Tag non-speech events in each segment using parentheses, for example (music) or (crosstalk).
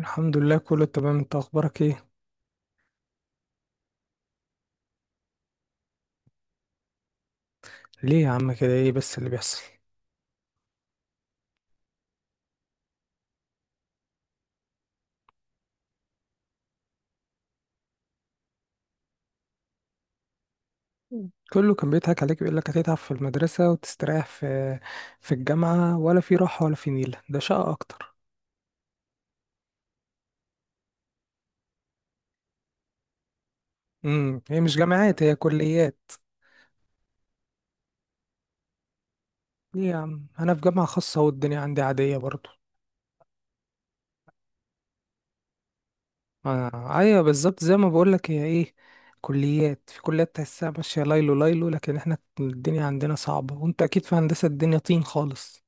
الحمد لله، كله تمام. انت اخبارك ايه؟ ليه يا عم كده؟ ايه بس اللي بيحصل؟ كله كان بيضحك عليك ويقول لك هتتعب في المدرسة وتستريح في الجامعة، ولا في راحة ولا في نيلة، ده شقة اكتر. امم. هي مش جامعات، هي كليات. ليه يا عم؟ انا في جامعة خاصة والدنيا عندي عادية برضو. آه ايوه بالظبط، زي ما بقول لك. هي ايه، كليات في كليات تحسها ماشية ليلو ليلو، لكن احنا الدنيا عندنا صعبة، وانت اكيد في هندسة الدنيا طين خالص.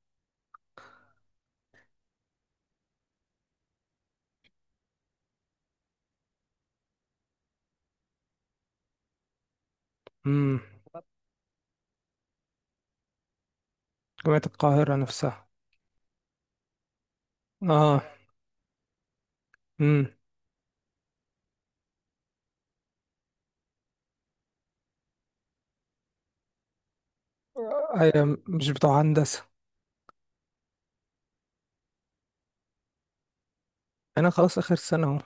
امم. جامعة القاهرة نفسها. اه. امم. هي مش بتوع هندسة. أنا خلاص آخر سنة أهو.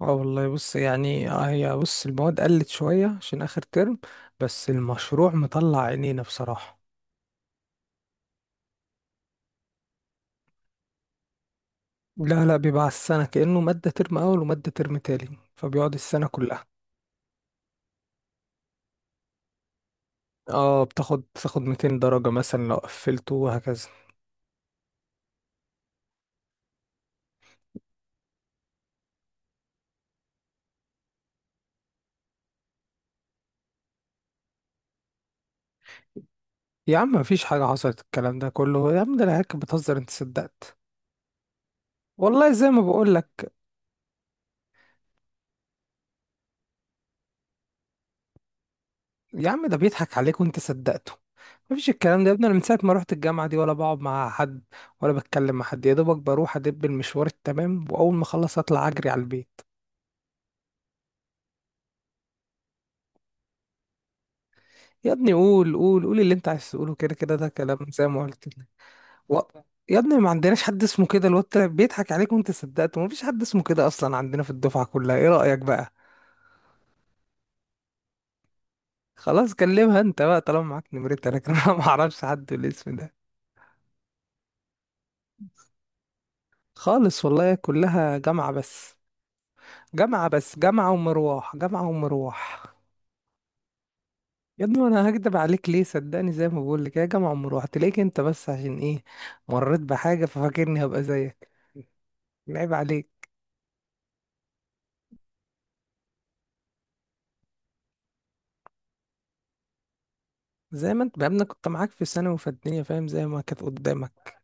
اه والله بص، يعني هي بص المواد قلت شوية عشان آخر ترم، بس المشروع مطلع عينينا بصراحة. لا لا، بيبقى على السنة كأنه مادة ترم أول ومادة ترم تاني، فبيقعد السنة كلها. اه، بتاخد 200 درجة مثلا لو قفلته وهكذا. يا عم مفيش حاجة حصلت، الكلام ده كله يا عم ده العيال كانت بتهزر، انت صدقت. والله زي ما بقول لك. يا عم ده بيضحك عليك وانت صدقته، مفيش الكلام ده. يا ابني انا من ساعه ما روحت الجامعه دي ولا بقعد مع حد ولا بتكلم مع حد، يا دوبك بروح ادب المشوار التمام، واول ما اخلص اطلع اجري على البيت. يا ابني قول قول قول اللي انت عايز تقوله، كده كده ده كلام زي ما قلت لك. و... يا ابني ما عندناش حد اسمه كده، الواد طلع بيضحك عليك وانت صدقته، مفيش حد اسمه كده اصلا عندنا في الدفعه كلها. ايه رايك بقى؟ خلاص كلمها انت بقى طالما معاك نمرتها، لكن انا (laughs) ما اعرفش حد بالاسم ده. خالص والله، كلها جامعه بس. جامعة بس، جامعة ومروح، جامعة ومروح. يا ابني انا هكدب عليك ليه؟ صدقني زي ما بقول لك، يا جامعة ومروح. تلاقيك انت بس عشان ايه مريت بحاجة ففاكرني هبقى زيك. عيب عليك. زي ما انت بقى كنت معاك في ثانوي وفي الدنيا، فاهم زي ما كانت قدامك.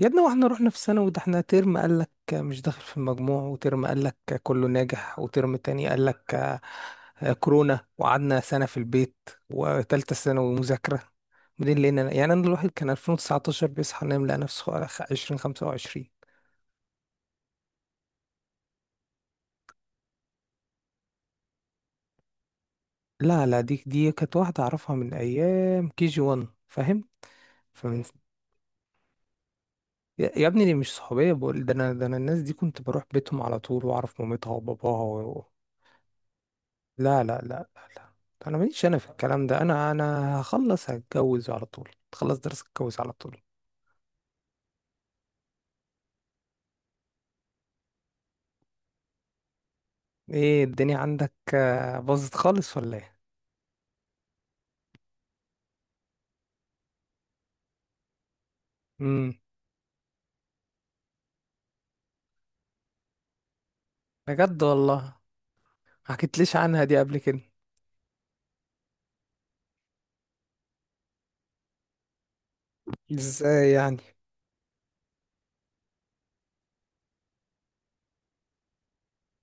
يا ابني واحنا رحنا في ثانوي، ده احنا ترم قال لك مش داخل في المجموع، وترم قال لك كله ناجح، وترم تاني قال لك كورونا، وقعدنا سنة في البيت، وتالتة ثانوي مذاكرة. بعدين لقينا يعني انا الواحد كان 2019 بيصحى ينام لقى نفسه على 2025. لا لا، دي كانت واحدة اعرفها من ايام كي جي 1 فاهم. فمن... يا ابني دي مش صحوبية، بقول ده انا، ده انا الناس دي كنت بروح بيتهم على طول واعرف مامتها وباباها. لا لا لا لا لا. انا ماليش انا في الكلام ده، انا هخلص هتجوز على طول، تخلص درس اتجوز على طول. ايه الدنيا عندك باظت خالص ولا ايه؟ امم. بجد والله؟ ما حكيتليش عنها دي قبل كده. ازاي يعني؟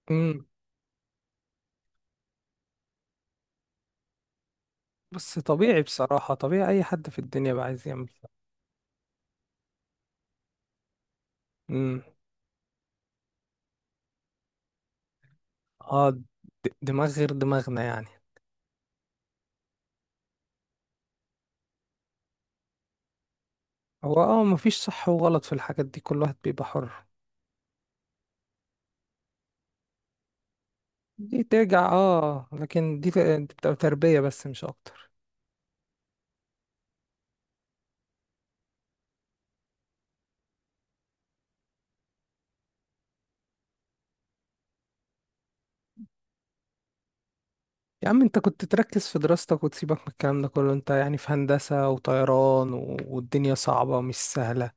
امم. بس طبيعي بصراحة، طبيعي اي حد في الدنيا بقى عايز يعمل. امم. اه د- دماغ غير دماغنا يعني. هو اه مفيش صح وغلط في الحاجات دي، كل واحد بيبقى حر. دي ترجع اه، لكن بتبقى تربية بس مش اكتر. يا عم انت كنت تركز في دراستك وتسيبك من الكلام ده كله، انت يعني في هندسة وطيران والدنيا صعبة ومش سهلة.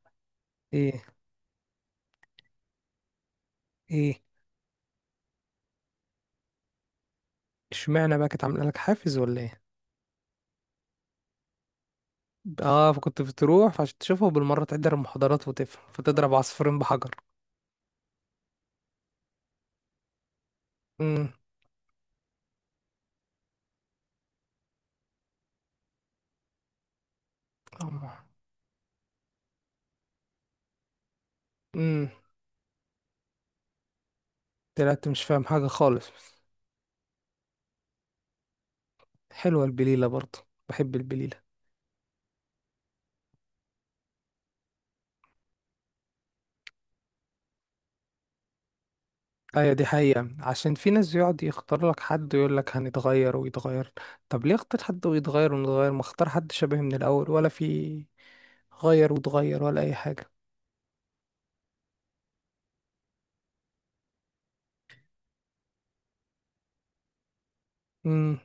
ايه؟ ايه؟ اشمعنى بقى، كانت عاملة لك حافز ولا ايه؟ اه فكنت بتروح فعشان تشوفه بالمرة، تحضر المحاضرات وتفهم، فتضرب عصفورين بحجر. امم. امم. طلعت مش فاهم حاجة خالص. حلوة البليلة برضه، بحب البليلة. ايوه دي حقيقة، عشان في ناس يقعد يختار لك حد ويقول لك هنتغير ويتغير، طب ليه اختار حد ويتغير ونتغير؟ ما اختار حد شبه من الاول، ولا في غير وتغير ولا اي حاجة. امم.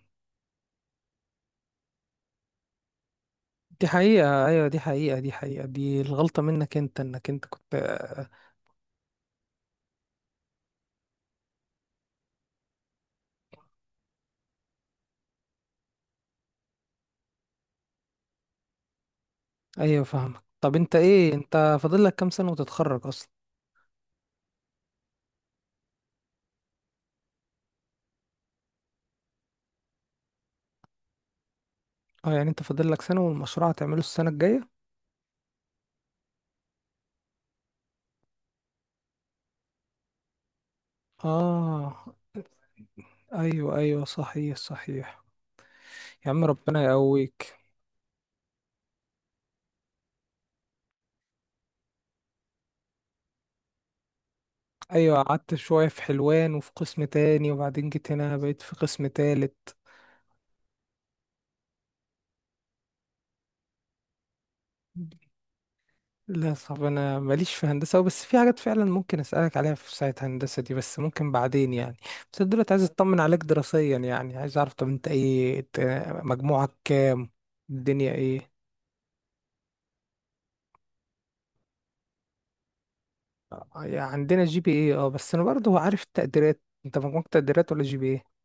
دي حقيقة، ايوه دي حقيقة، دي حقيقة، دي الغلطة منك انت، انك انت كنت. ايوه فاهمك. طب انت ايه، انت فاضل لك كام سنة وتتخرج اصلا؟ اه يعني انت فاضل لك سنة والمشروع هتعمله السنة الجاية. اه. ايوه ايوه، صحيح صحيح. يا عم ربنا يقويك. ايوه قعدت شوية في حلوان وفي قسم تاني وبعدين جيت هنا بقيت في قسم تالت. لا صعب، انا ماليش في هندسة، بس في حاجات فعلا ممكن اسألك عليها في ساعة، هندسة دي بس ممكن بعدين يعني. بس دلوقتي عايز اطمن عليك دراسيا، يعني عايز اعرف طب انت ايه، إنت مجموعك كام؟ الدنيا ايه؟ آه، عندنا جي بي ايه اه. بس انا برضه عارف التقديرات، انت مجموعك تقديرات ولا جي بي ايه؟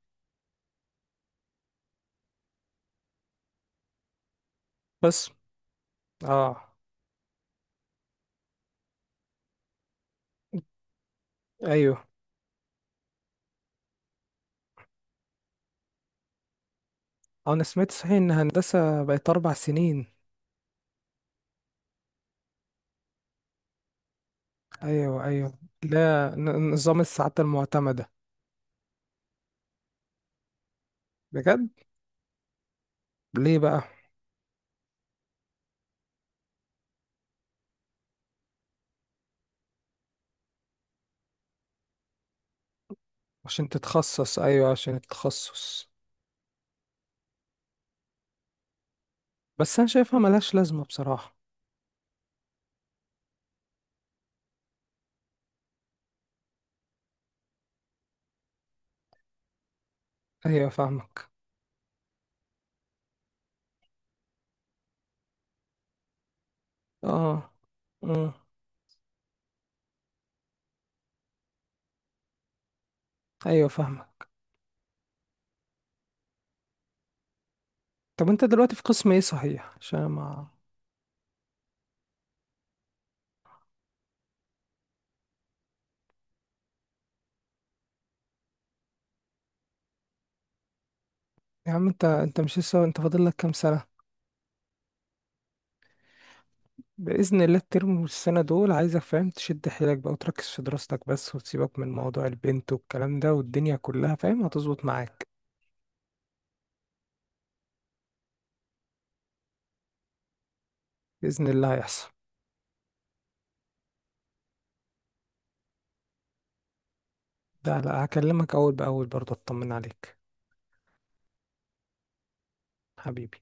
بس. اه. ايوه. آه، انا سمعت صحيح ان هندسة بقت اربع سنين؟ ايوه ايوه. لا نظام الساعات المعتمدة. بجد؟ ليه بقى؟ عشان تتخصص، ايوه عشان التخصص. بس انا شايفها ملهاش لازمة بصراحة. ايوه فاهمك. اه. امم. ايوه فاهمك. طب انت دلوقتي في قسم ايه صحيح عشان ما... يا عم انت مش لسه، انت فاضل لك كام سنة؟ بإذن الله الترم والسنة دول عايزك فاهم تشد حيلك بقى وتركز في دراستك بس، وتسيبك من موضوع البنت والكلام ده والدنيا كلها، فاهم هتظبط معاك. بإذن الله هيحصل. لا لا، هكلمك أول بأول برضه أطمن عليك. حبيبي.